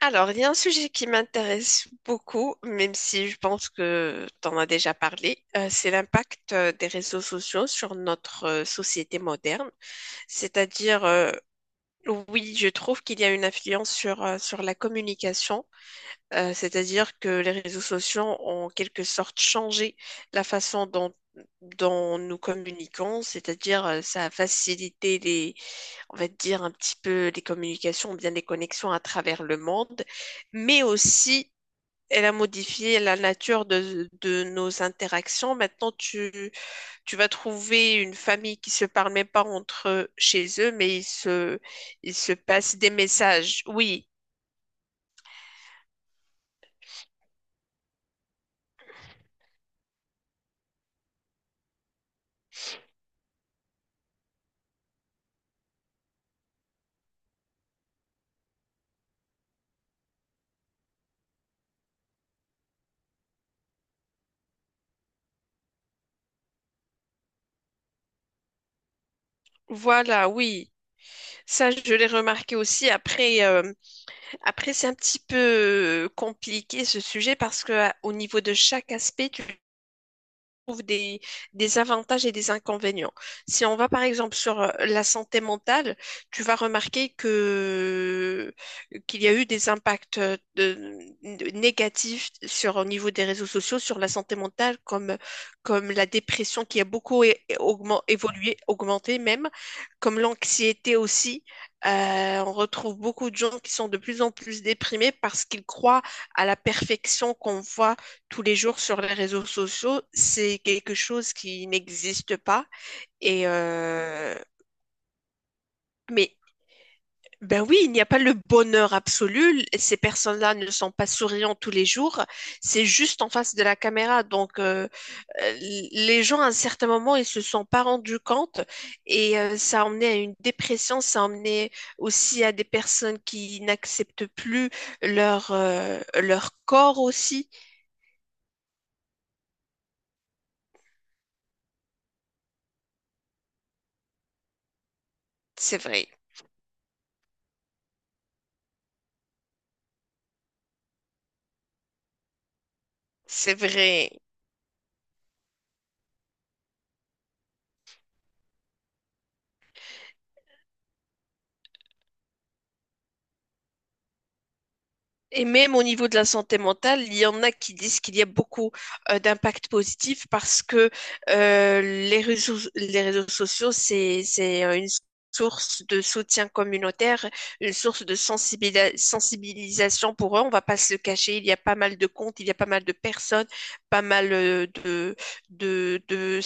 Alors, il y a un sujet qui m'intéresse beaucoup, même si je pense que tu en as déjà parlé, c'est l'impact des réseaux sociaux sur notre société moderne. C'est-à-dire, oui, je trouve qu'il y a une influence sur, sur la communication, c'est-à-dire que les réseaux sociaux ont en quelque sorte changé la façon dont, dont nous communiquons, c'est-à-dire ça a facilité les, on va dire un petit peu les communications, ou bien les connexions à travers le monde, mais aussi elle a modifié la nature de nos interactions. Maintenant, tu vas trouver une famille qui se parle même pas entre eux chez eux, mais ils se passent des messages. Oui, voilà, oui. Ça, je l'ai remarqué aussi. Après, après c'est un petit peu compliqué ce sujet parce que au niveau de chaque aspect, tu trouve des avantages et des inconvénients. Si on va par exemple sur la santé mentale, tu vas remarquer que qu'il y a eu des impacts négatifs sur au niveau des réseaux sociaux sur la santé mentale, comme la dépression qui a beaucoup évolué, augmenté même, comme l'anxiété aussi. On retrouve beaucoup de gens qui sont de plus en plus déprimés parce qu'ils croient à la perfection qu'on voit tous les jours sur les réseaux sociaux, c'est quelque chose qui n'existe pas. Et euh, mais ben oui, il n'y a pas le bonheur absolu. Ces personnes-là ne sont pas souriantes tous les jours. C'est juste en face de la caméra. Donc, euh, les gens, à un certain moment, ils se sont pas rendus compte. Ça a emmené à une dépression. Ça a emmené aussi à des personnes qui n'acceptent plus leur, leur corps aussi. C'est vrai. C'est vrai. Et même au niveau de la santé mentale, il y en a qui disent qu'il y a beaucoup d'impact positif parce que les réseaux sociaux, c'est une source de soutien communautaire, une source de sensibilisation pour eux. On va pas se le cacher, il y a pas mal de comptes, il y a pas mal de personnes, pas mal de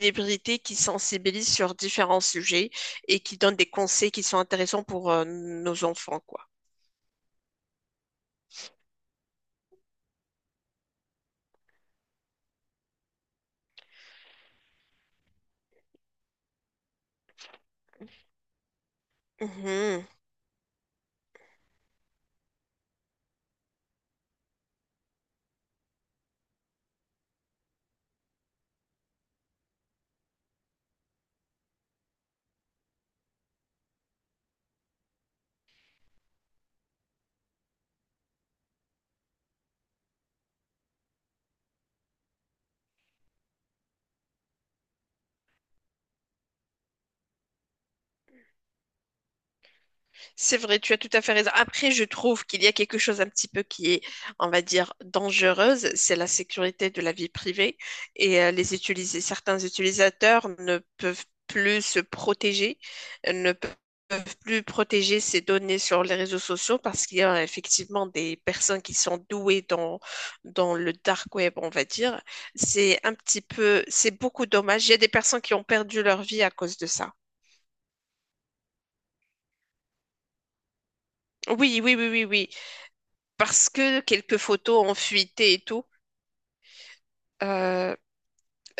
célébrités qui sensibilisent sur différents sujets et qui donnent des conseils qui sont intéressants pour nos enfants, quoi. Uh-huh. C'est vrai, tu as tout à fait raison. Après, je trouve qu'il y a quelque chose un petit peu qui est, on va dire, dangereuse, c'est la sécurité de la vie privée et certains utilisateurs ne peuvent plus se protéger, ne pe- peuvent plus protéger ces données sur les réseaux sociaux parce qu'il y a effectivement des personnes qui sont douées dans, dans le dark web, on va dire. C'est un petit peu, c'est beaucoup dommage. Il y a des personnes qui ont perdu leur vie à cause de ça. Oui, oui, oui, oui, oui. Parce que quelques photos ont fuité et tout, euh,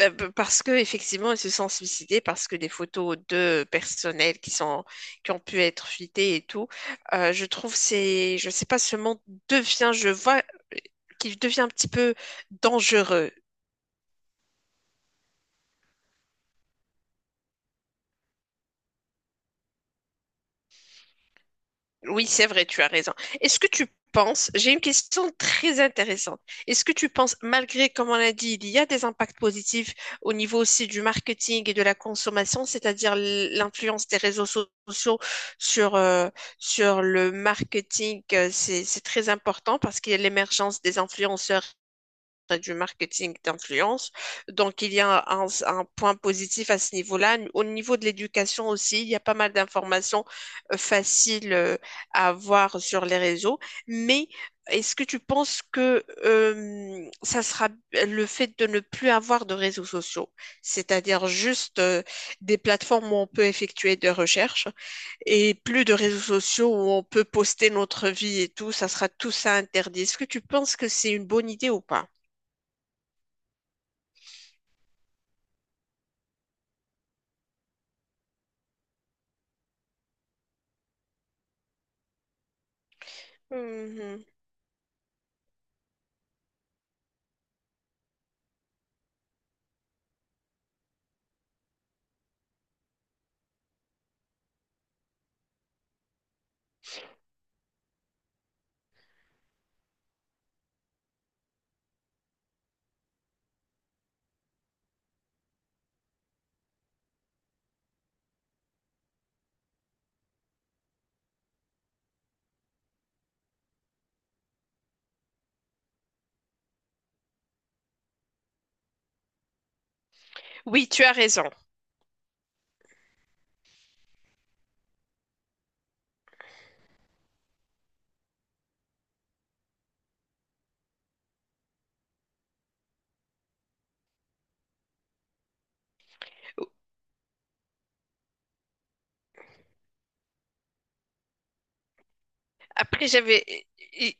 parce que effectivement, ils se sont suicidés, parce que des photos de personnel qui sont, qui ont pu être fuitées et tout, je trouve c'est, je sais pas, ce monde devient, je vois qu'il devient un petit peu dangereux. Oui, c'est vrai, tu as raison. Est-ce que tu penses, j'ai une question très intéressante. Est-ce que tu penses, malgré, comme on l'a dit, il y a des impacts positifs au niveau aussi du marketing et de la consommation, c'est-à-dire l'influence des sociaux sur, sur le marketing, c'est très important parce qu'il y a l'émergence des influenceurs du marketing d'influence. Donc, il y a un point positif à ce niveau-là. Au niveau de l'éducation aussi, il y a pas mal d'informations faciles à avoir sur les réseaux. Mais est-ce que tu penses que ça sera le fait de ne plus avoir de réseaux sociaux, c'est-à-dire juste des plateformes où on peut effectuer des recherches et plus de réseaux sociaux où on peut poster notre vie et tout, ça sera tout ça interdit. Est-ce que tu penses que c'est une bonne idée ou pas? Mhm. Oui, tu as raison. Après,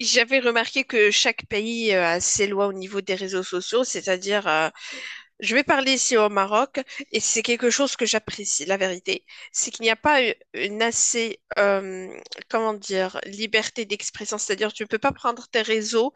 j'avais remarqué que chaque pays a ses lois au niveau des réseaux sociaux, c'est-à-dire je vais parler ici au Maroc et c'est quelque chose que j'apprécie, la vérité. C'est qu'il n'y a pas eu- une assez, comment dire, liberté d'expression. C'est-à-dire, tu ne peux pas prendre tes réseaux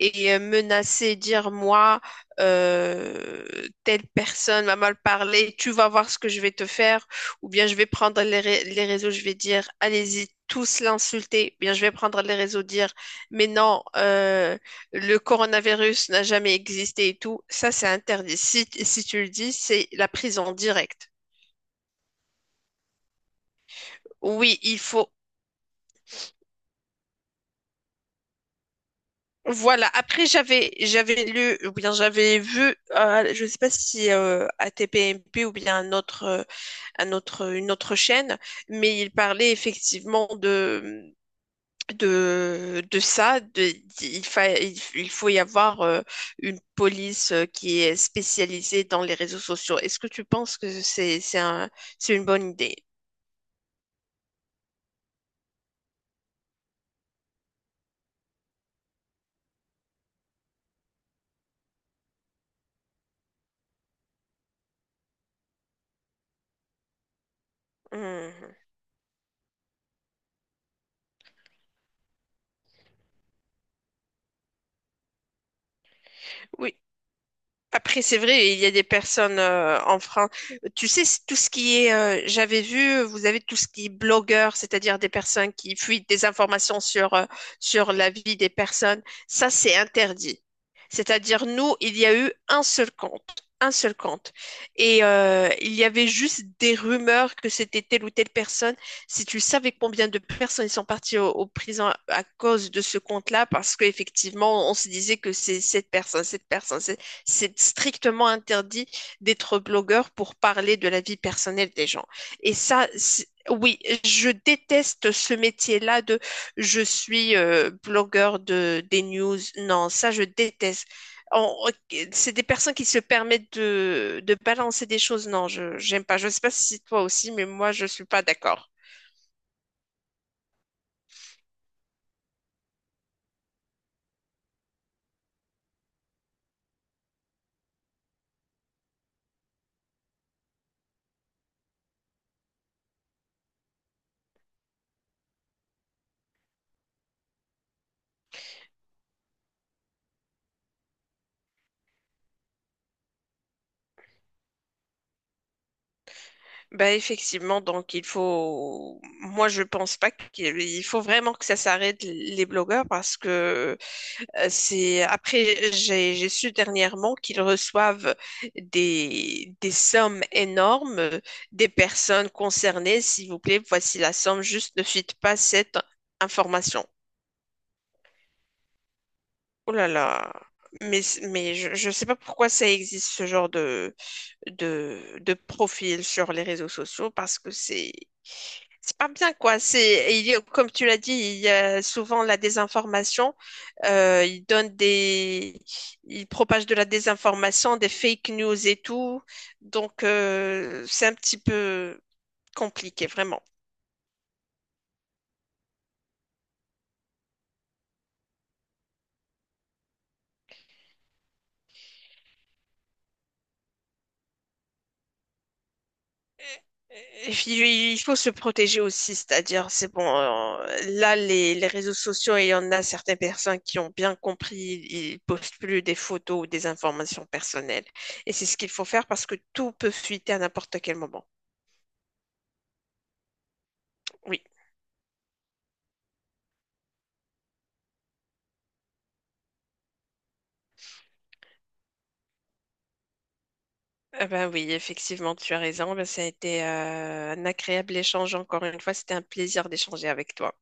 et menacer, dire moi, euh, telle personne m'a mal parlé, tu vas voir ce que je vais te faire. Ou bien je vais prendre les, les réseaux, je vais dire allez-y, tous l'insulter. Ou bien je vais prendre les réseaux, dire mais non. Le coronavirus n'a jamais existé et tout, ça c'est interdit. Si, si tu le dis, c'est la prison directe. Oui, il faut. Voilà. Après, j'avais lu ou bien j'avais vu, je ne sais pas si ATPMP ou bien un autre, une autre chaîne, mais il parlait effectivement de de ça, de- il fa- il f- il faut y avoir une police qui est spécialisée dans les réseaux sociaux. Est-ce que tu penses que c'est un- c'est une bonne idée? Hmm. Oui. Après, c'est vrai, il y a des personnes en France. Tu sais, c'est tout ce qui est, j'avais vu, vous avez tout ce qui est blogueur, c'est-à-dire des personnes qui fuient des informations sur, sur la vie des personnes. Ça, c'est interdit. C'est-à-dire, nous, il y a eu un seul compte, un seul compte. Et il y avait juste des rumeurs que c'était telle ou telle personne. Si tu savais combien de personnes ils sont parties au, au prison à cause de ce compte-là, parce qu'effectivement, on se disait que c'est cette personne, cette personne. C'est strictement interdit d'être blogueur pour parler de la vie personnelle des gens. Et ça, oui, je déteste ce métier-là de je suis blogueur de des news. Non, ça, je déteste. On- c'est des personnes qui se permettent de balancer des choses. Non, je j'aime pas. Je ne sais pas si toi aussi, mais moi, je suis pas d'accord. Bah effectivement, donc il faut, moi je pense pas qu'il il faut vraiment que ça s'arrête les blogueurs parce que euh, c'est après j'ai su dernièrement qu'ils reçoivent des sommes énormes des personnes concernées. S'il vous plaît, voici la somme. Juste ne fuite pas cette information. Oh là là. Mais, mais je ne sais pas pourquoi ça existe ce genre de, de profil sur les réseaux sociaux parce que c'est pas bien quoi. C'est il y a- comme tu l'as dit, il y a souvent la désinformation. Ils donnent des ils propagent de la désinformation, des fake news et tout. Donc c'est un petit peu compliqué vraiment. Et puis, il faut se protéger aussi, c'est-à-dire, c'est bon, là, les réseaux sociaux, il y en a certaines personnes qui ont bien compris, ils postent plus des photos ou des informations personnelles. Et c'est ce qu'il faut faire parce que tout peut fuiter à n'importe quel moment. Oui, ah ben oui, effectivement, tu as raison. Ben, ça a été un agréable échange encore une fois. C'était un plaisir d'échanger avec toi.